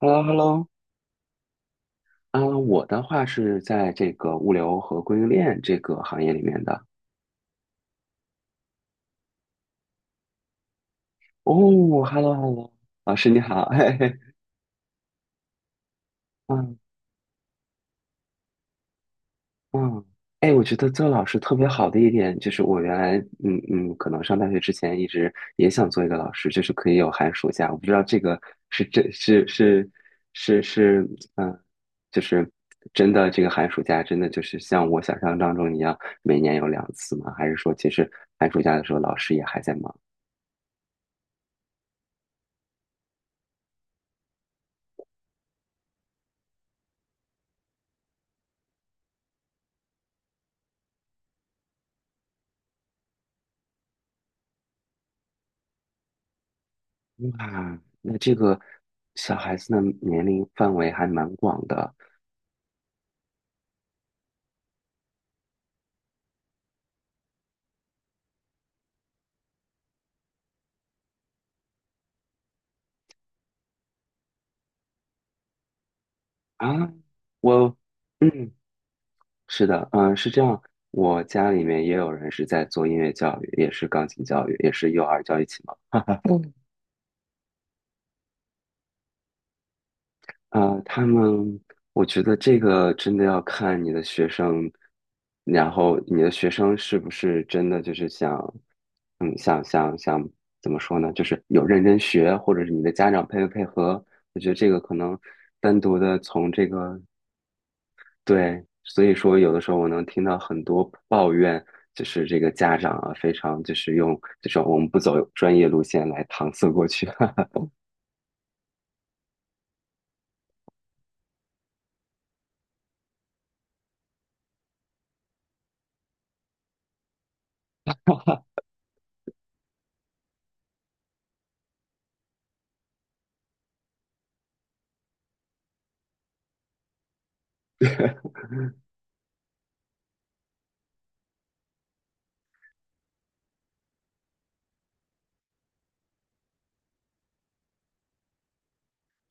Hello，Hello，啊，我的话是在这个物流和供应链这个行业里面的。哦，Hello，Hello，老师你好，嘿嘿，嗯嗯，哎，我觉得做老师特别好的一点就是，我原来可能上大学之前一直也想做一个老师，就是可以有寒暑假。我不知道这个是真是是是是，嗯，就是真的这个寒暑假真的就是像我想象当中一样，每年有两次吗？还是说其实寒暑假的时候老师也还在忙？哇，那这个小孩子的年龄范围还蛮广的啊。我，嗯，是的，嗯，是这样。我家里面也有人是在做音乐教育，也是钢琴教育，也是幼儿教育启蒙。啊，我觉得这个真的要看你的学生，然后你的学生是不是真的就是想，嗯，想想想怎么说呢？就是有认真学，或者是你的家长配不配合？我觉得这个可能单独的从这个，对，所以说有的时候我能听到很多抱怨，就是这个家长啊，非常就是用这种我们不走专业路线来搪塞过去。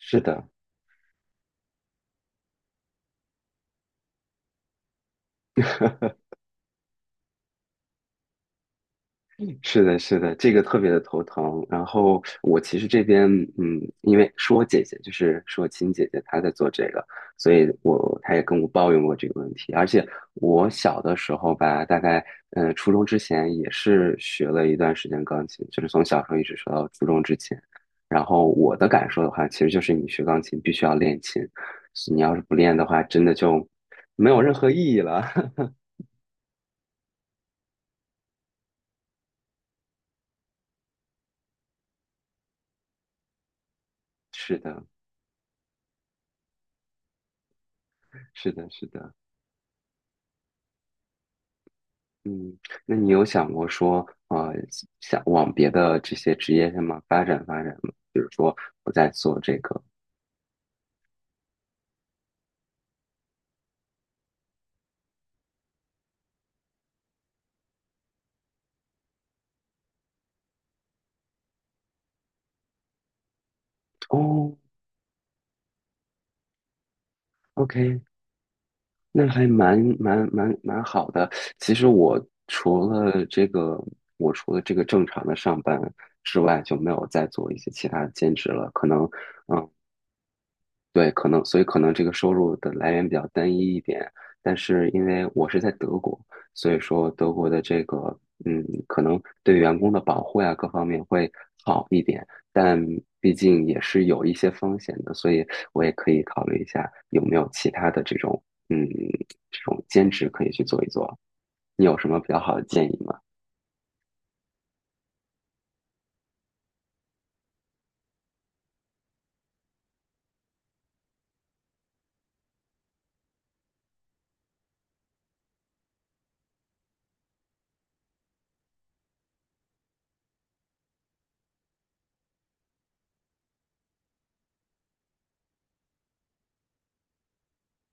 是的。是的，是的，这个特别的头疼。然后我其实这边，嗯，因为是我姐姐，就是是我亲姐姐，她在做这个，所以她也跟我抱怨过这个问题。而且我小的时候吧，大概初中之前也是学了一段时间钢琴，就是从小时候一直学到初中之前。然后我的感受的话，其实就是你学钢琴必须要练琴，你要是不练的话，真的就没有任何意义了。是的，是的，是的。嗯，那你有想过说，想往别的这些职业上面发展发展吗？比如说，我在做这个，哦，OK，那还蛮好的。其实除了这个，我除了这个正常的上班之外，就没有再做一些其他的兼职了。可能，呃对，可能，所以可能这个收入的来源比较单一一点，但是因为我是在德国，所以说德国的这个，可能对员工的保护呀，各方面会好一点，但毕竟也是有一些风险的，所以我也可以考虑一下有没有其他的这种，嗯，这种兼职可以去做一做。你有什么比较好的建议吗？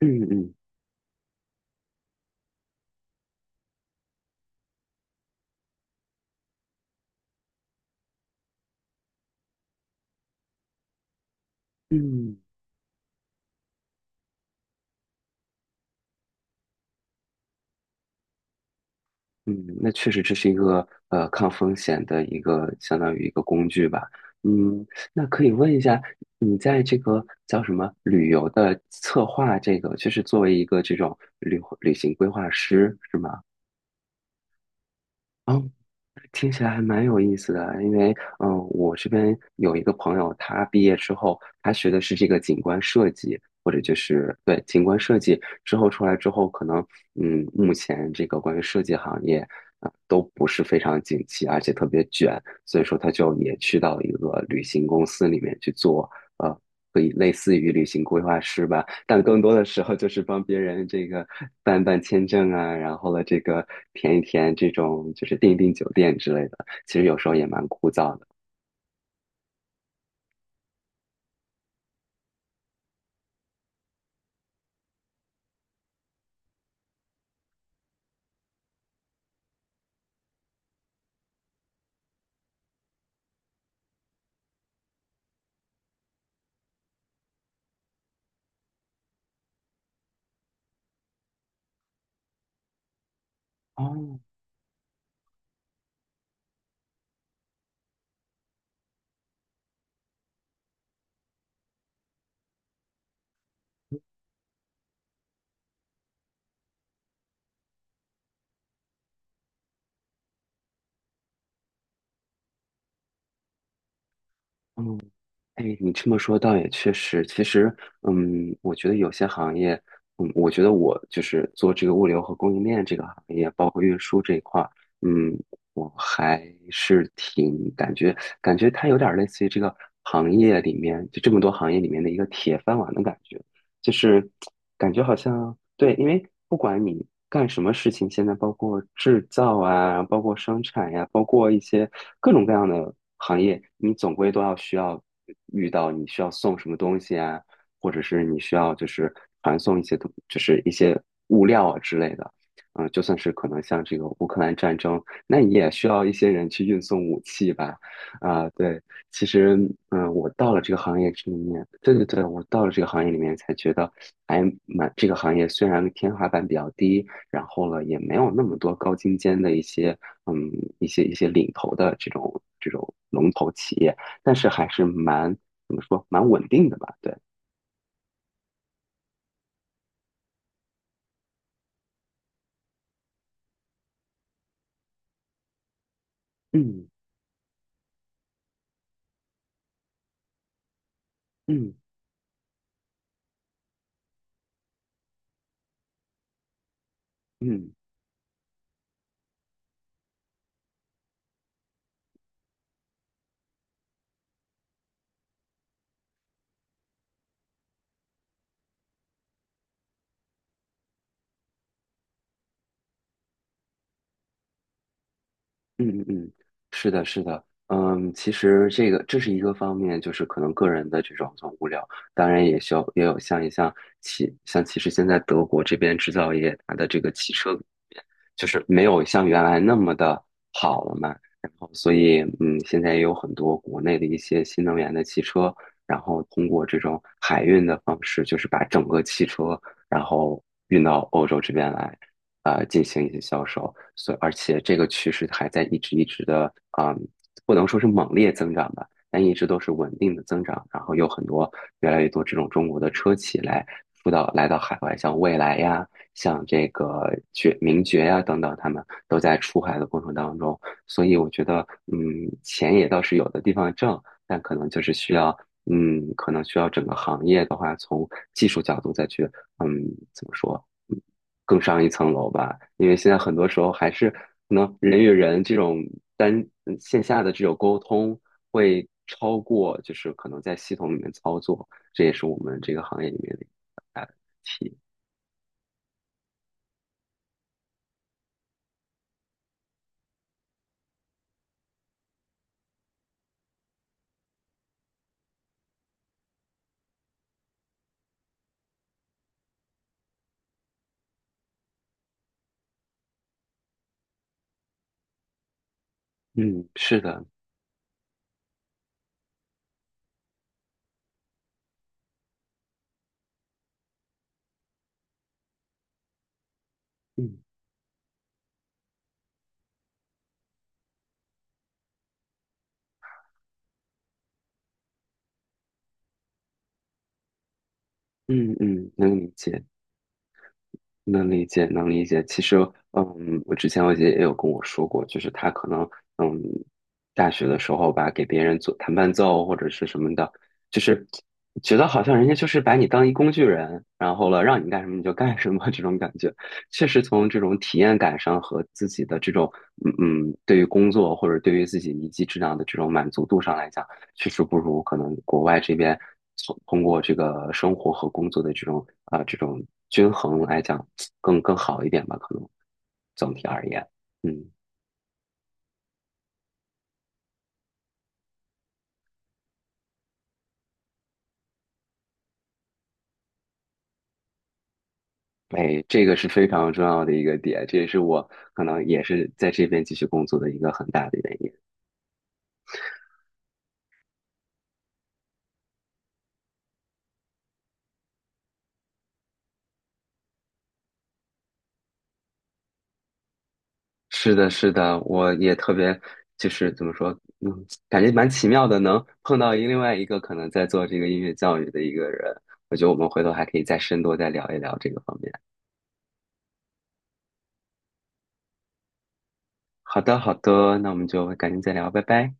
嗯嗯。嗯，嗯，那确实这是一个抗风险的一个相当于一个工具吧。嗯，那可以问一下，你在这个叫什么旅游的策划这个，就是作为一个这种旅行规划师是吗？哦，听起来还蛮有意思的，因为我这边有一个朋友，他毕业之后，他学的是这个景观设计，或者就是对景观设计之后出来之后，可能目前这个关于设计行业。都不是非常景气，而且特别卷，所以说他就也去到一个旅行公司里面去做，呃，可以类似于旅行规划师吧，但更多的时候就是帮别人这个办办签证啊，然后了这个填一填这种就是订一订酒店之类的，其实有时候也蛮枯燥的。哦，嗯。哎，你这么说倒也确实。其实，我觉得有些行业，我觉得我就是做这个物流和供应链这个行业，包括运输这一块儿，嗯，我还是挺感觉它有点儿类似于这个行业里面就这么多行业里面的一个铁饭碗的感觉。就是感觉好像对，因为不管你干什么事情，现在包括制造啊，包括生产呀、包括一些各种各样的行业，你总归都要需要遇到你需要送什么东西啊，或者是你需要就是传送一些就是一些物料啊之类的。就算是可能像这个乌克兰战争，那你也需要一些人去运送武器吧。啊，对，其实，我到了这个行业里面，对对对，我到了这个行业里面才觉得还蛮这个行业虽然天花板比较低，然后呢，也没有那么多高精尖的一些，嗯，一些领头的这种龙头企业，但是还是蛮怎么说蛮稳定的吧？对，嗯嗯嗯。嗯嗯嗯，是的，是的，其实这是一个方面，就是可能个人的这种无聊，当然也需要也有像一像汽像其实现在德国这边制造业它的这个汽车就是没有像原来那么的好了嘛。然后，所以现在也有很多国内的一些新能源的汽车，然后通过这种海运的方式，就是把整个汽车然后运到欧洲这边来，进行一些销售。所以，而且这个趋势还在一直一直的，嗯，不能说是猛烈增长吧。但一直都是稳定的增长，然后有很多越来越多这种中国的车企来来到海外，像蔚来呀，像这个名爵呀、等等，他们都在出海的过程当中，所以我觉得，嗯，钱也倒是有的地方挣，但可能就是需要，可能需要整个行业的话，从技术角度再去，嗯，怎么说，嗯更上一层楼吧。因为现在很多时候还是可能人与人这种单线下的这种沟通会超过，就是可能在系统里面操作，这也是我们这个行业里面的一个题。嗯，是的，嗯。嗯嗯，能理解，能理解，能理解。其实，我之前我姐也有跟我说过，就是她可能，嗯，大学的时候吧，给别人做弹伴奏或者是什么的，就是觉得好像人家就是把你当一工具人，然后了让你干什么你就干什么 这种感觉。确实，从这种体验感上和自己的这种，对于工作或者对于自己一技之长的这种满足度上来讲。确实不如可能国外这边从通过这个生活和工作的这种这种均衡来讲更好一点吧，可能总体而言，嗯。哎，这个是非常重要的一个点，这也是我可能也是在这边继续工作的一个很大的原因。是的，是的，我也特别就是怎么说，感觉蛮奇妙的，能碰到另外一个可能在做这个音乐教育的一个人，我觉得我们回头还可以再深度再聊一聊这个方面。好的，好的，那我们就改天再聊，拜拜。